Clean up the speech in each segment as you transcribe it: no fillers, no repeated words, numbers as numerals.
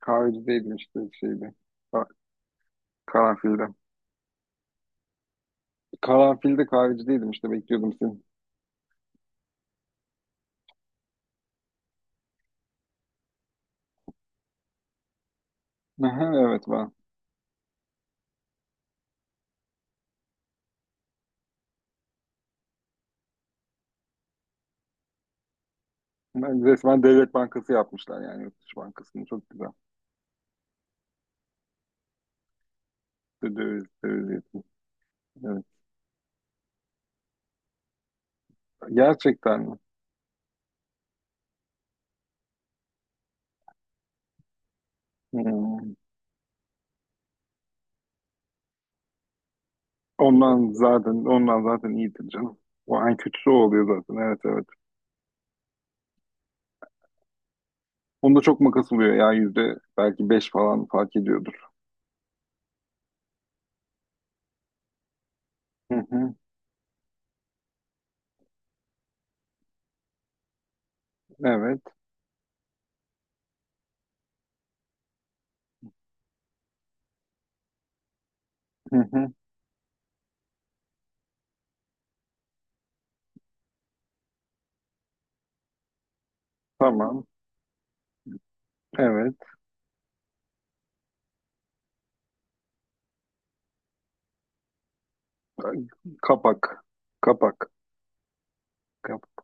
Kahveci değildim işte şeydi. Ka- Karanfilde. Karanfilde kahveci değildim işte bekliyordum seni. Aha, evet ben. Ben resmen devlet bankası yapmışlar yani yurt dışı bankasını çok güzel. Döviz yatırım. Evet. Gerçekten mi? Hmm. Ondan zaten iyidir canım. O en kötüsü o oluyor zaten. Evet, evet. Onda çok makas oluyor ya, yüzde belki beş falan fark ediyordur. Hı hı. Evet. Hı hı. Tamam. Evet. Kapak. Kapak.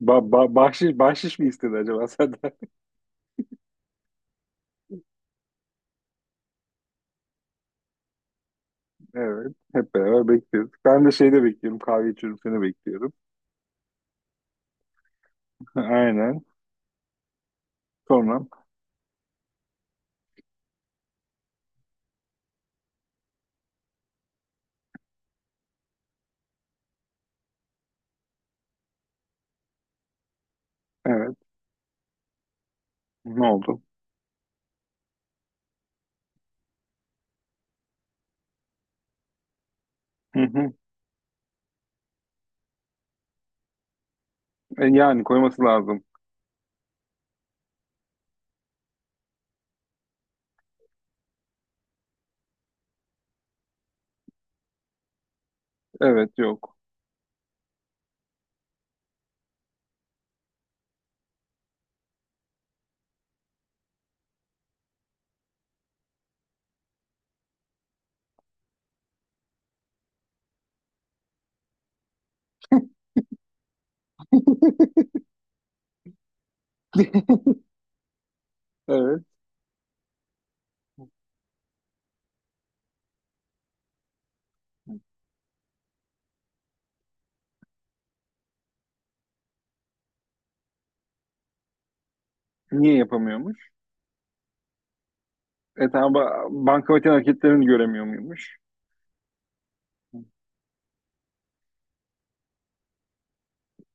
Bahşiş mi istedi acaba senden? Evet. Hep beraber bekliyoruz. Ben de şeyde bekliyorum. Kahve içiyorum. Seni bekliyorum. Aynen. Sonra. Evet. Ne oldu? Hı hı. E, yani koyması lazım. Evet. Yok. Evet. Niye yapamıyormuş? E tamam bankamatiğin hareketlerini göremiyor muymuş?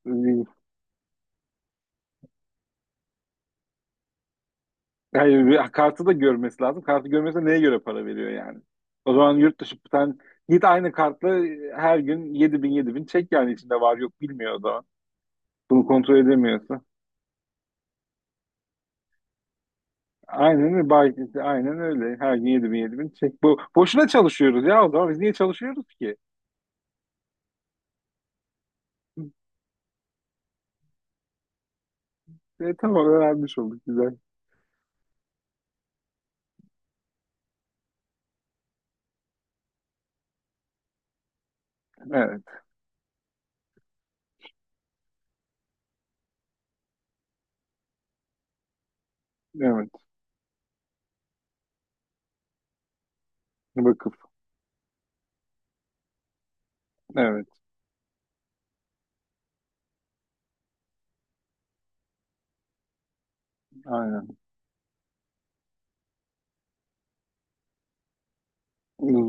E, Hayır. Kartı da görmesi lazım. Kartı görmese neye göre para veriyor yani? O zaman yurt dışı sen git aynı kartla her gün yedi bin yedi bin çek, yani içinde var yok bilmiyor o zaman. Bunu kontrol edemiyorsa. Aynen öyle. Aynen öyle. Her gün yedi bin yedi bin. Çek. Bu, boşuna çalışıyoruz ya o zaman. Biz niye çalışıyoruz ki? E, tamam öğrenmiş olduk. Güzel. Evet. Evet. Vakıf. Evet. Aynen.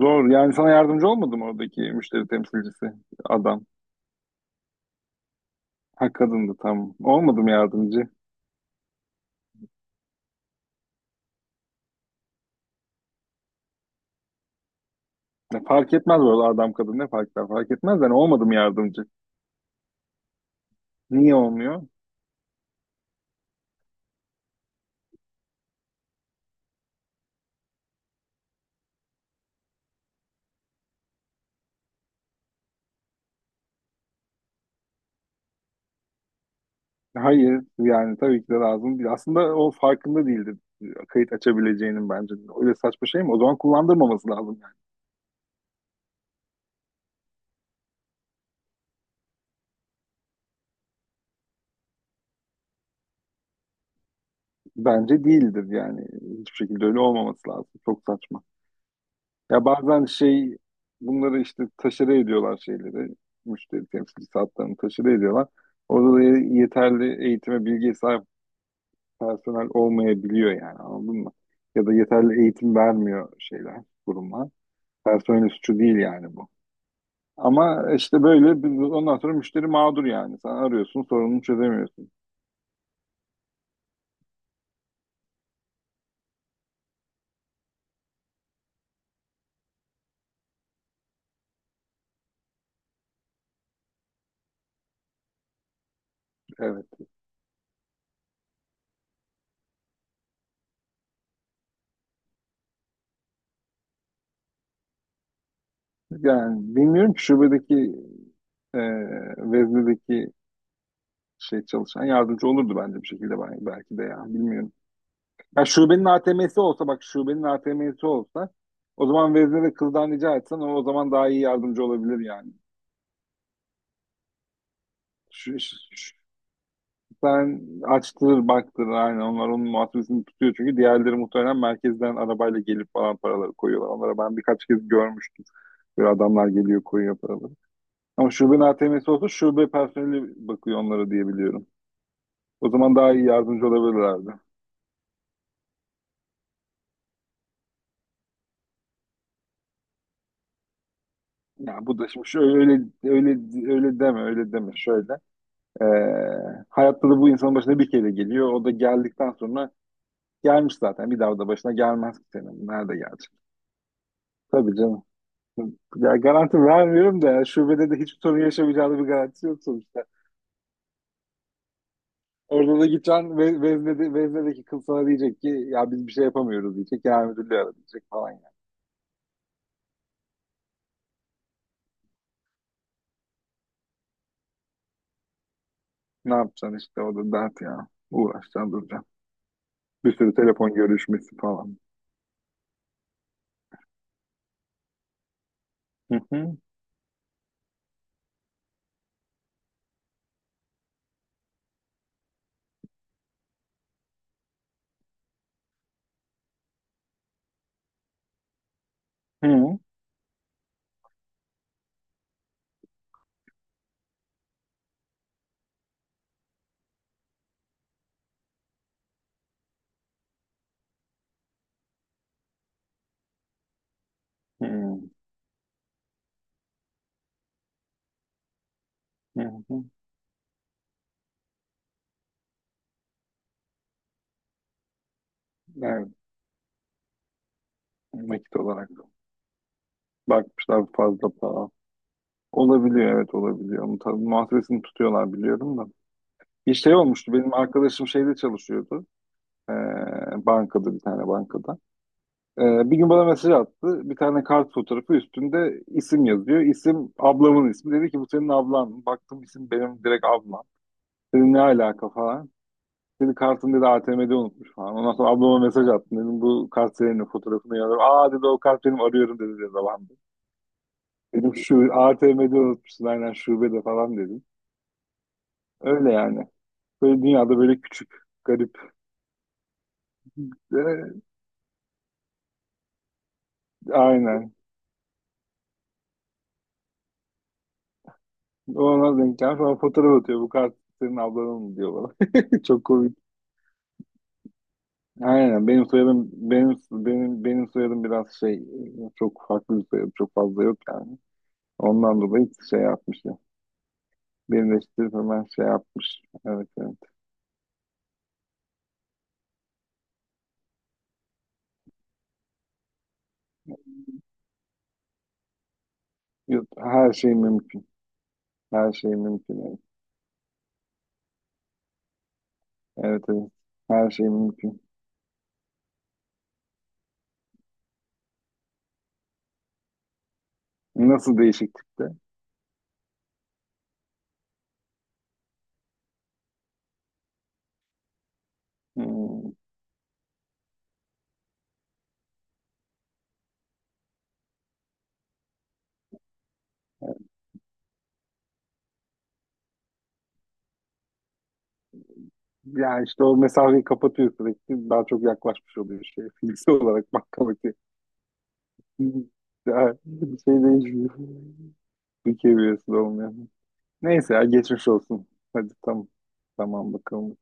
Zor. Yani sana yardımcı olmadı mı oradaki müşteri temsilcisi? Adam. Ha kadındı tam. Olmadım yardımcı? Ya, fark etmez bu arada, adam kadın ne fark eder? Fark etmez yani. Olmadım yardımcı? Niye olmuyor? Hayır yani tabii ki de lazım değil. Aslında o farkında değildi kayıt açabileceğinin bence. Öyle saçma şey mi? O zaman kullandırmaması lazım yani. Bence değildir yani. Hiçbir şekilde öyle olmaması lazım. Çok saçma. Ya bazen şey, bunları işte taşere ediyorlar şeyleri. Müşteri temsilcisi hatlarını taşere ediyorlar. Orada da yeterli eğitime bilgiye sahip personel olmayabiliyor yani, anladın mı? Ya da yeterli eğitim vermiyor şeyler, kurumlar. Personel suçu değil yani bu. Ama işte böyle ondan sonra müşteri mağdur yani. Sen arıyorsun sorununu çözemiyorsun. Evet. Yani bilmiyorum ki şubedeki e, veznedeki şey çalışan yardımcı olurdu bence bir şekilde ben, belki de ya bilmiyorum. Ya şubenin ATM'si olsa bak, şubenin ATM'si olsa o zaman vezne ve kızdan rica etsen o, o zaman daha iyi yardımcı olabilir yani. Şu, sen açtır baktır aynen, onlar onun muhasebesini tutuyor çünkü diğerleri muhtemelen merkezden arabayla gelip falan paraları koyuyorlar. Onlara ben birkaç kez görmüştüm. Böyle adamlar geliyor koyuyor paraları. Ama şubenin ATM'si olsa şube personeli bakıyor onlara diye biliyorum. O zaman daha iyi yardımcı olabilirlerdi. Ya bu da şimdi şöyle öyle öyle öyle deme öyle deme şöyle. Ee, hayatta da bu insanın başına bir kere geliyor. O da geldikten sonra gelmiş zaten. Bir daha da başına gelmez ki senin. Nerede gelecek? Tabii canım. Ya garanti vermiyorum da yani, şubede de hiçbir sorun yaşamayacağını bir garantisi yok sonuçta. Orada da gideceksin ve veznedeki kız sana diyecek ki ya biz bir şey yapamıyoruz diyecek, genel müdürlüğü ara diyecek falan ya. Ne yapacaksın işte, o da dert ya. Uğraşacaksın duracaksın. Bir sürü telefon görüşmesi falan. Hı hı. Hı hı. Hı hı. Evet, nakit olarak da bakmışlar fazla para. Olabiliyor, evet, olabiliyor. Onun tabii muhasebesini tutuyorlar biliyorum da. Bir şey olmuştu, benim arkadaşım şeyde çalışıyordu. Bankada, bir tane bankada. Bir gün bana mesaj attı. Bir tane kart fotoğrafı, üstünde isim yazıyor. İsim ablamın ismi. Dedi ki bu senin ablan. Baktım isim benim direkt ablam. Dedim ne alaka falan. Dedi kartını, dedi A T M'de unutmuş falan. Ondan sonra ablama mesaj attım. Dedim bu kart senin, fotoğrafını yazıyorum. Aa dedi o kart benim, arıyorum dedi babam. Dedim şu A T M'de unutmuşsun aynen şubede falan dedim. Öyle yani. Böyle dünyada böyle küçük, garip. Ee, aynen. Ona denk gelmiş. Ona fotoğraf atıyor. Bu kart senin ablanın mı diyor bana. Çok komik. Aynen benim soyadım, benim soyadım biraz şey, çok farklı bir soyadım. Çok fazla yok yani. Ondan dolayı şey yapmış ya. Birleştirip hemen şey yapmış. Evet, evet. Yok, her şey mümkün. Her şey mümkün. Evet, evet, evet. Her şey mümkün. Nasıl değişiklikte? Hmm. Ya işte o mesafeyi kapatıyor sürekli. Daha çok yaklaşmış oluyor şey. Fiziksel olarak bakmak. Ya, bir şey değişmiyor. Ülke birisi olmuyor. Neyse ya, geçmiş olsun. Hadi tamam. Tamam bakalım.